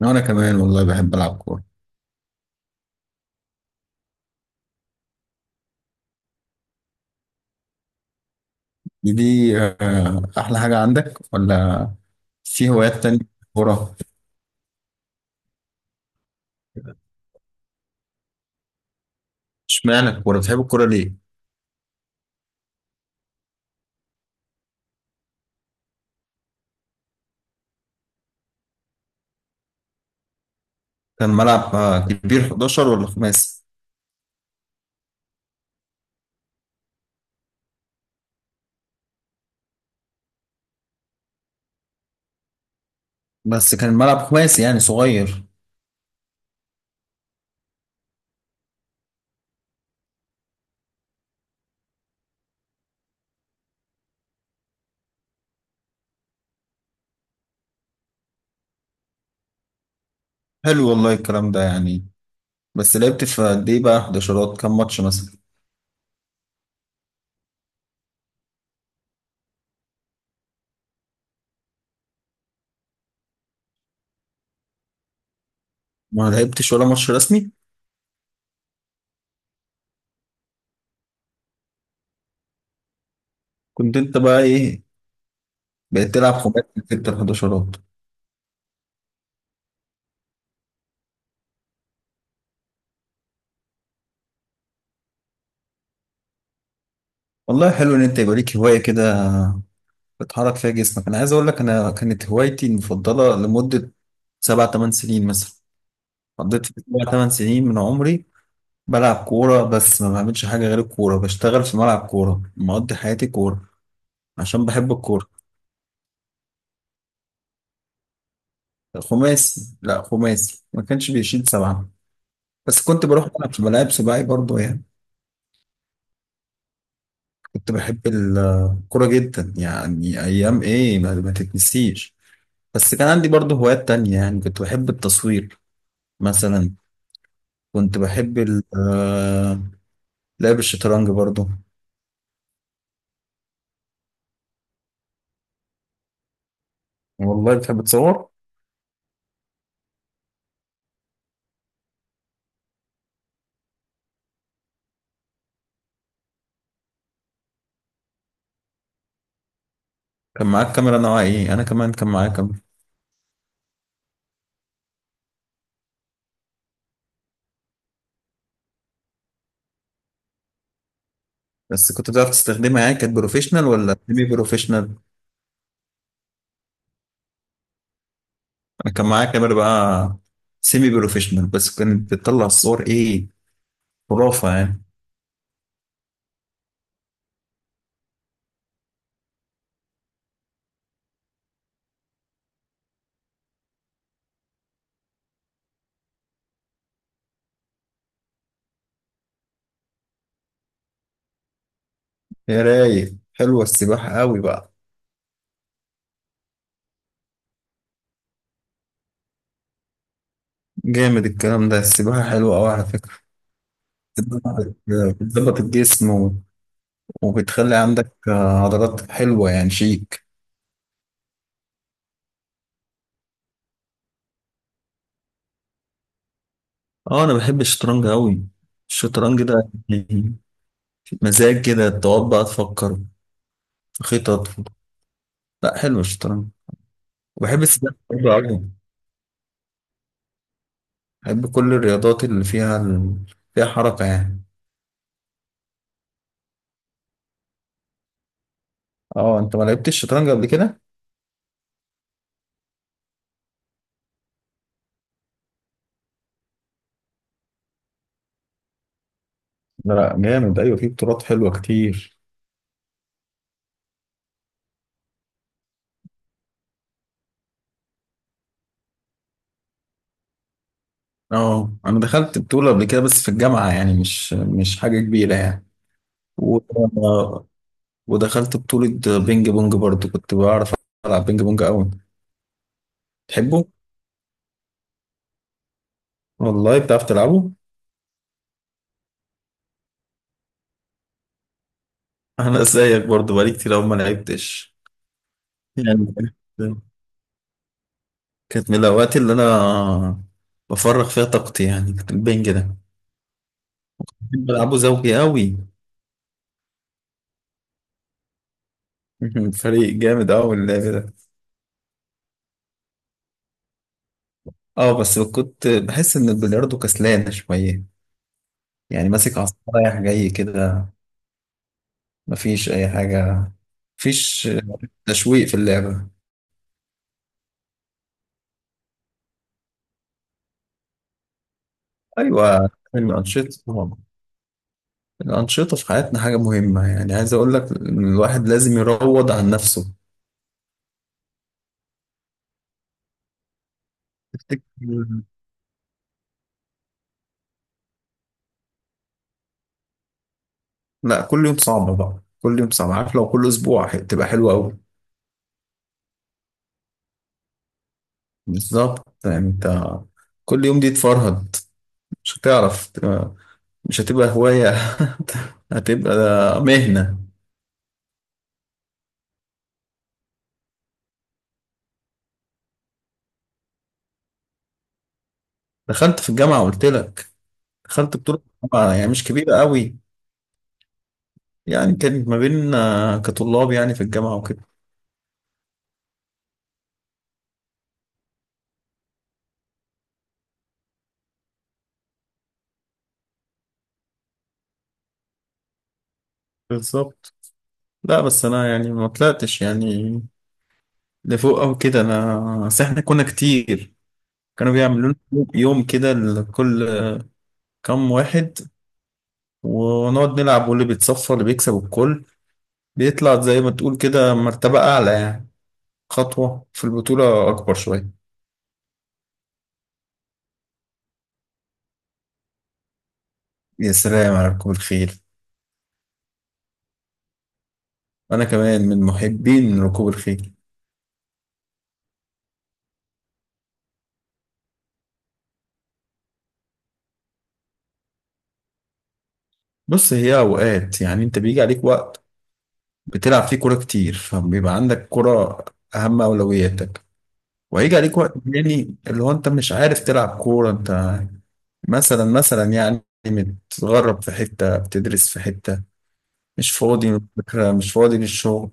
وانا كمان والله بحب العب كوره. دي احلى حاجه عندك ولا في هوايات تانية؟ كوره. اشمعنى الكوره؟ بتحب الكوره ليه؟ كان ملعب كبير 11 ولا خماسي؟ بس كان ملعب خماسي يعني صغير. حلو والله الكلام ده يعني. بس لعبت في قد ايه بقى 11، كام ماتش مثلا؟ ما لعبتش ولا ماتش رسمي؟ كنت انت بقى ايه؟ بقيت تلعب خماسي في ال 11؟ والله حلو ان انت يبقى ليك هوايه كده بتحرك فيها جسمك. انا عايز اقول لك، انا كانت هوايتي المفضله لمده سبع ثمان سنين مثلا. قضيت في سبع ثمان سنين من عمري بلعب كوره، بس ما بعملش حاجه غير الكوره، بشتغل في ملعب كوره، مقضي حياتي كوره عشان بحب الكوره. خماسي، لا خماسي ما كانش بيشيل سبعه، بس كنت بروح العب في ملاعب سباعي برضه يعني. كنت بحب الكوره جدا يعني، ايام ايه ما تتنسيش. بس كان عندي برضه هوايات تانية، يعني كنت بحب التصوير مثلا. كنت بحب لعب الشطرنج برضو. والله بتحب تصور؟ كان معاك كاميرا نوعها ايه؟ انا كمان كان معايا كاميرا. بس كنت بتعرف تستخدمها؟ يعني كانت بروفيشنال ولا سيمي بروفيشنال؟ انا كان معايا كاميرا بقى سيمي بروفيشنال، بس كانت بتطلع الصور ايه، خرافة يعني. يا رايق، حلوة السباحة قوي بقى. جامد الكلام ده، السباحة حلوة قوي على فكرة. بتظبط، بتظبط الجسم وبتخلي عندك عضلات حلوة، يعني شيء. اه انا بحب الشطرنج قوي. الشطرنج ده يعني مزاج كده، تقعد بقى تفكر في خطط. لا حلو الشطرنج. وبحب السباحة برضه قوي. بحب كل الرياضات اللي فيها ال... فيها حركة يعني. اه انت ما لعبتش الشطرنج قبل كده؟ لا لا جامد، ايوه في بطولات حلوة كتير. اه انا دخلت بطولة قبل كده بس في الجامعة، يعني مش حاجة كبيرة يعني. و... ودخلت بطولة بينج بونج برضه، كنت بعرف ألعب بينج بونج قوي. تحبه؟ والله بتعرف تلعبه؟ انا زيك برضو بقالي كتير أوي ما لعبتش، يعني كانت من الاوقات اللي انا بفرغ فيها طاقتي، يعني كنت البنج ده بحب العبه زوجي قوي. فريق جامد قوي اللعب ده. اه بس كنت بحس ان البلياردو كسلان شويه، يعني ماسك عصا رايح جاي كده، مفيش اي حاجه، مفيش تشويق في اللعبه. ايوه، الانشطه طبعا. الانشطه في حياتنا حاجه مهمه، يعني عايز اقول لك إن الواحد لازم يروض عن نفسه. تفتكر؟ لا كل يوم صعب بقى، كل يوم صعب، عارف لو كل اسبوع تبقى حلوه قوي. بالظبط، يعني انت كل يوم دي تفرهد، مش هتعرف مش هتبقى هوايه، هتبقى مهنه. دخلت في الجامعه قلت لك، دخلت بطوله الجامعه يعني مش كبيره قوي. يعني كانت ما بين كطلاب يعني في الجامعه وكده. بالظبط. لا بس انا يعني ما طلعتش يعني لفوق او كده، انا بس احنا كنا كتير. كانوا بيعملوا لنا يوم كده لكل كام واحد، ونقعد نلعب، واللي بيتصفى، اللي بيكسب الكل بيطلع زي ما تقول كده مرتبة أعلى، يعني خطوة في البطولة أكبر شوية. يا سلام على ركوب الخيل. أنا كمان من محبين ركوب الخيل. بص هي أوقات، يعني أنت بيجي عليك وقت بتلعب فيه كورة كتير، فبيبقى عندك كورة أهم أولوياتك. وهيجي عليك وقت تاني اللي هو أنت مش عارف تلعب كورة، أنت مثلا مثلا يعني متغرب في حتة، بتدرس في حتة، مش فاضي من الفكرة، مش فاضي للشغل،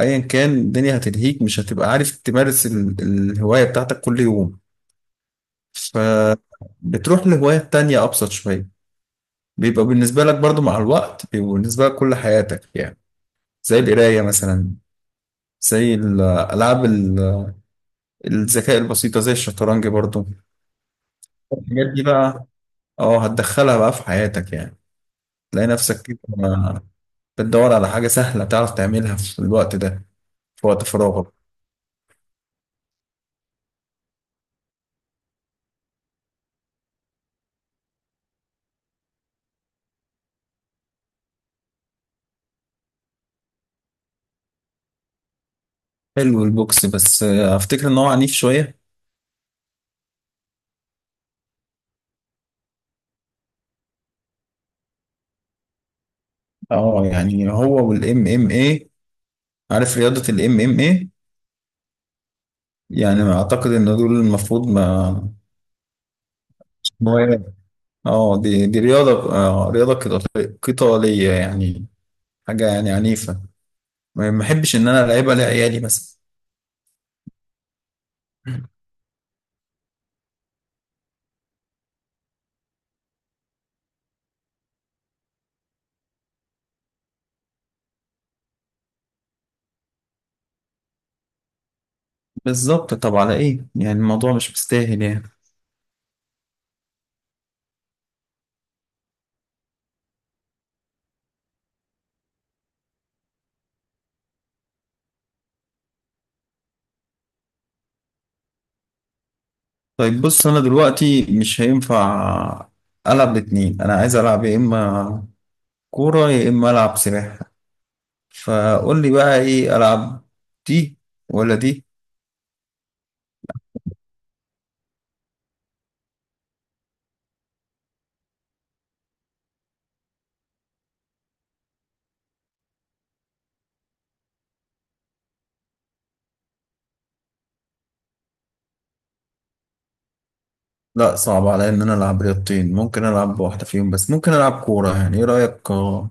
ايا كان الدنيا هتلهيك، مش هتبقى عارف تمارس الهواية بتاعتك كل يوم. فبتروح لهواية تانية ابسط شوية، بيبقى بالنسبة لك برضو مع الوقت، بيبقى بالنسبة لك كل حياتك يعني. زي القراية مثلا، زي الألعاب الذكاء البسيطة، زي الشطرنج برضو. الحاجات دي بقى اه هتدخلها بقى في حياتك يعني. تلاقي نفسك كده بتدور على حاجة سهلة تعرف تعملها في الوقت ده، في وقت فراغك. حلو البوكس، بس افتكر ان هو عنيف شوية. اه يعني هو والام ام اي، عارف رياضة الام ام اي؟ يعني اعتقد ان دول المفروض ما مواهب. اه دي رياضة رياضة قتالية يعني، حاجة يعني عنيفة. ما بحبش ان انا العبها لعيالي مثلا. بالظبط، طب على ايه يعني، الموضوع مش مستاهل يعني. طيب بص انا دلوقتي مش هينفع العب الاتنين، انا عايز العب يا اما كورة يا اما العب سباحة. فقول لي بقى ايه العب، دي ولا دي؟ لا صعب عليا ان انا العب رياضتين، ممكن العب واحده فيهم بس، ممكن العب كوره، يعني ايه رايك؟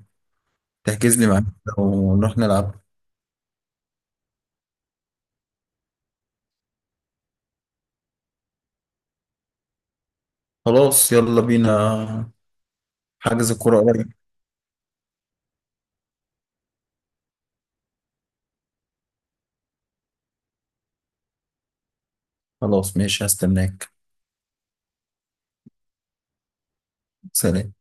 تحجز لي معاك ونروح نلعب. خلاص يلا بينا. حجز كوره قريب. خلاص ماشي هستناك. سلام.